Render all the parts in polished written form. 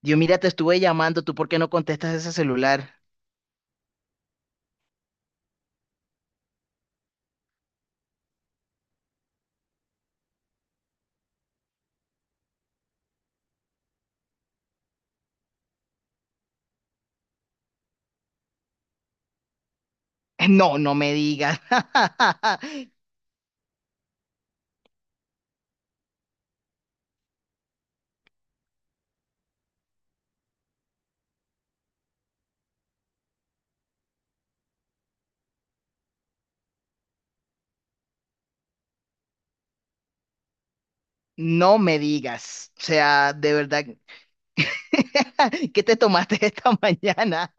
Dios, mira, te estuve llamando, ¿tú por qué no contestas ese celular? No, no me digas. No me digas. O sea, de verdad, ¿qué te tomaste esta mañana?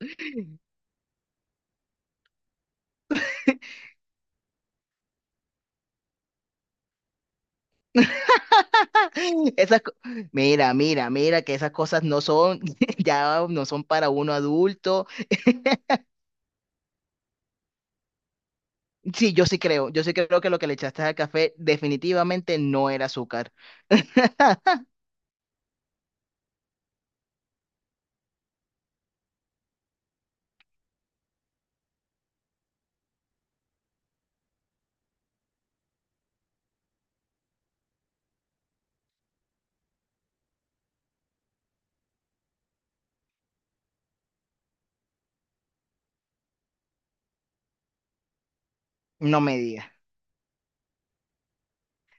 Esas, mira, mira, mira, que esas cosas no son, ya no son para uno adulto. Sí, yo sí creo que lo que le echaste al café definitivamente no era azúcar. No me digas.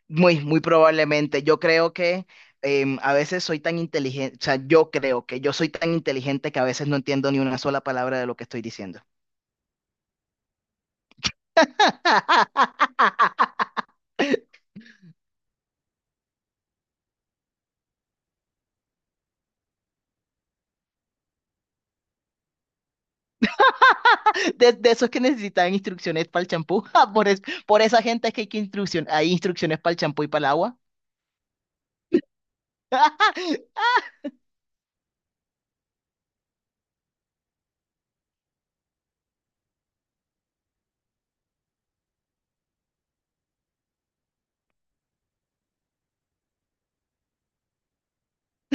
Muy, muy probablemente. Yo creo que a veces soy tan inteligente, o sea, yo creo que yo soy tan inteligente que a veces no entiendo ni una sola palabra de lo que estoy diciendo. De esos que necesitan instrucciones para el champú. Ah, por, por esa gente es que hay, que hay instrucciones para el champú y para el agua.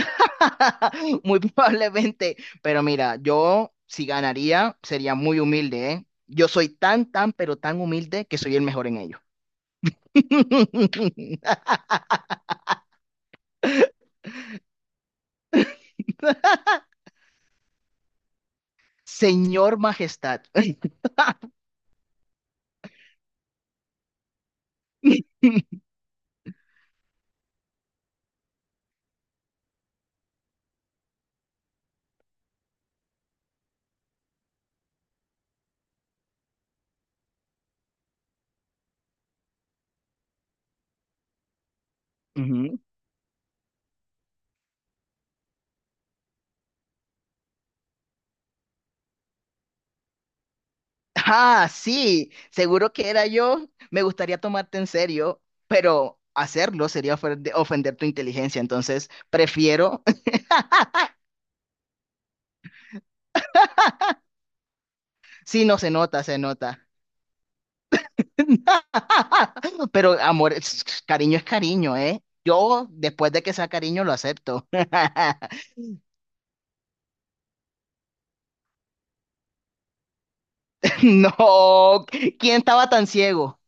Muy probablemente. Pero mira, yo si ganaría sería muy humilde, ¿eh? Yo soy tan, tan, pero tan humilde que soy el mejor en ello. Señor Majestad. Ujú. Ah, sí, seguro que era yo. Me gustaría tomarte en serio, pero hacerlo sería ofender tu inteligencia. Entonces, prefiero. Sí, no se nota, se nota. Pero amor, cariño es cariño, ¿eh? Yo, después de que sea cariño, lo acepto. No, ¿quién estaba tan ciego?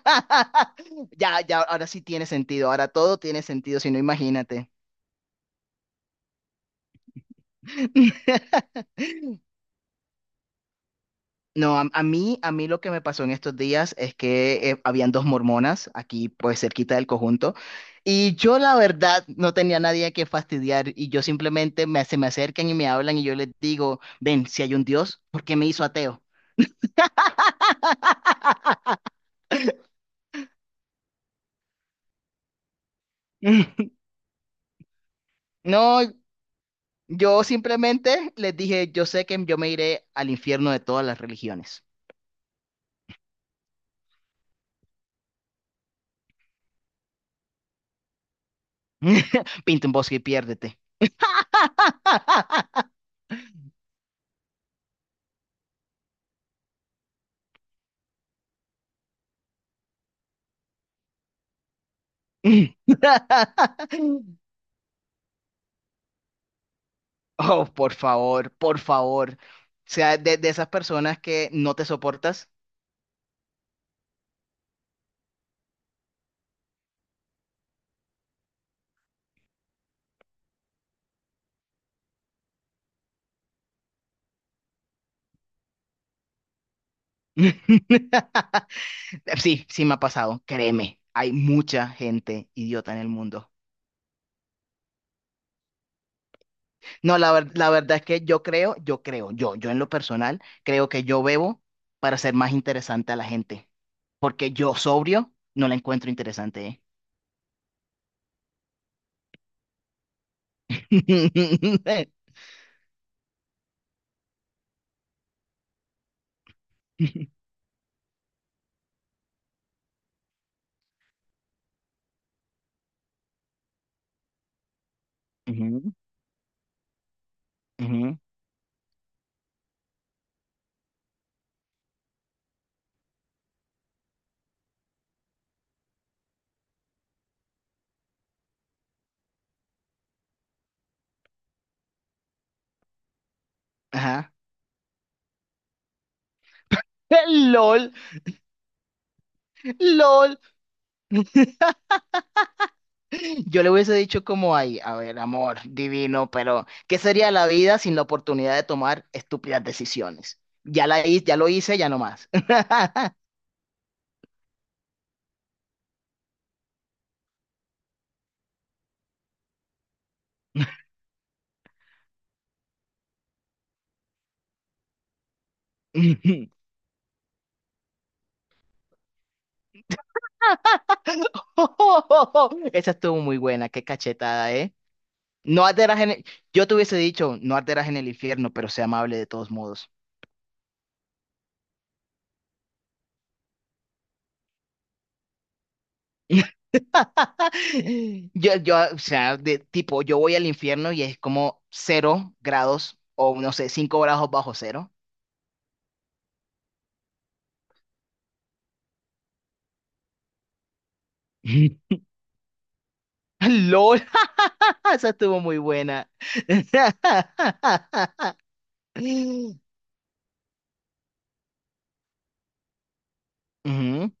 Ya, ya, ahora sí tiene sentido. Ahora todo tiene sentido, si no, imagínate. No, a mí lo que me pasó en estos días es que habían dos mormonas aquí, pues cerquita del conjunto, y yo la verdad no tenía nadie a que fastidiar y yo simplemente me, se me acercan y me hablan y yo les digo, ven, si hay un Dios, ¿por qué me hizo ateo? No, yo simplemente les dije, yo sé que yo me iré al infierno de todas las religiones. Pinta un bosque y piérdete. Oh, por favor, por favor. O sea, de esas personas que no te soportas. Sí, sí me ha pasado, créeme. Hay mucha gente idiota en el mundo. No, la, la verdad es que yo creo, yo creo, yo en lo personal, creo que yo bebo para ser más interesante a la gente. Porque yo sobrio no la encuentro interesante, ¿eh? Ujú, ujú, ajá. LOL, LOL. Yo le hubiese dicho como ahí, a ver, amor, divino, pero ¿qué sería la vida sin la oportunidad de tomar estúpidas decisiones? Ya la hice, ya lo hice, ya no más. Esa estuvo muy buena, qué cachetada, ¿eh? No arderás en el... Yo te hubiese dicho, no arderás en el infierno, pero sea amable de todos modos. Yo, o sea, de tipo, yo voy al infierno y es como cero grados o no sé, cinco grados bajo cero. LOL, esa estuvo muy buena. Ujú.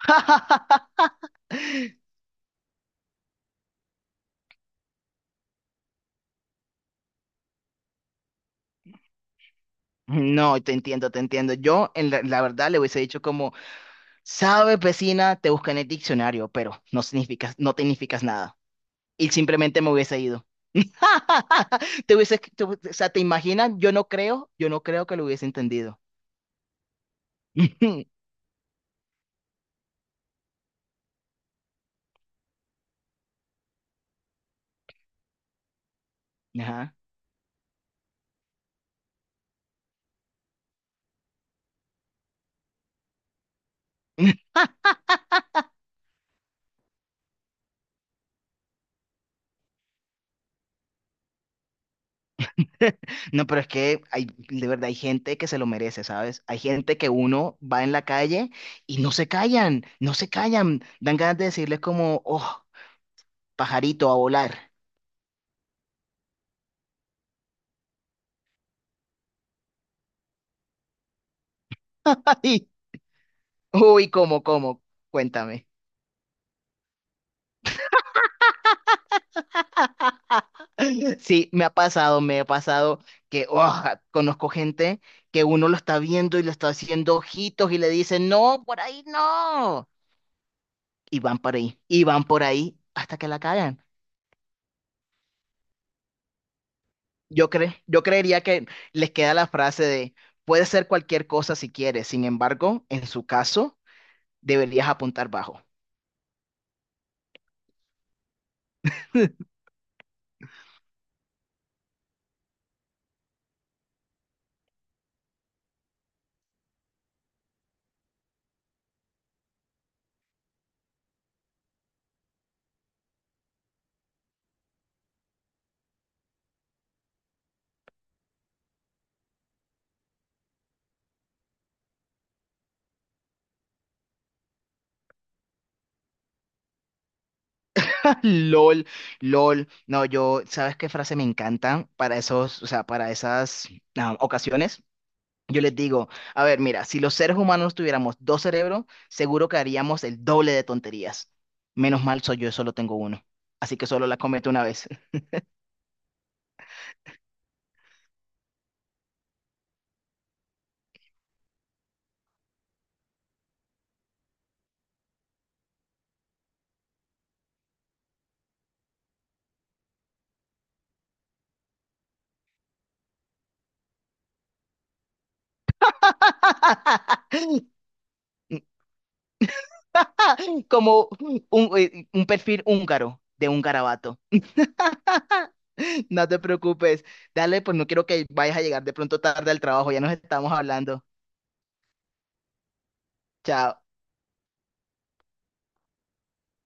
No, te entiendo, te entiendo. Yo, en la, la verdad, le hubiese dicho como, sabes, vecina, te busca en el diccionario, pero no significas, no te significas nada. Y simplemente me hubiese ido. Te hubiese, o sea, ¿te imaginas? Yo no creo que lo hubiese entendido. Ajá. No, pero es que hay, de verdad, hay gente que se lo merece, ¿sabes? Hay gente que uno va en la calle y no se callan, no se callan. Dan ganas de decirles como, oh, pajarito a volar. Ay, uy, ¿cómo, cómo? Cuéntame. Sí, me ha pasado que, oh, conozco gente que uno lo está viendo y le está haciendo ojitos y le dice, no, por ahí no. Y van por ahí, y van por ahí hasta que la cagan. Yo creería que les queda la frase de puede ser cualquier cosa si quieres, sin embargo, en su caso, deberías apuntar bajo. LOL, LOL. No, yo, ¿sabes qué frase me encanta para esos, o sea, para esas ocasiones? Yo les digo, a ver, mira, si los seres humanos tuviéramos dos cerebros, seguro que haríamos el doble de tonterías. Menos mal soy yo, solo tengo uno. Así que solo la cometo una vez. Como un perfil húngaro de un garabato. No te preocupes. Dale, pues no quiero que vayas a llegar de pronto tarde al trabajo. Ya nos estamos hablando. Chao.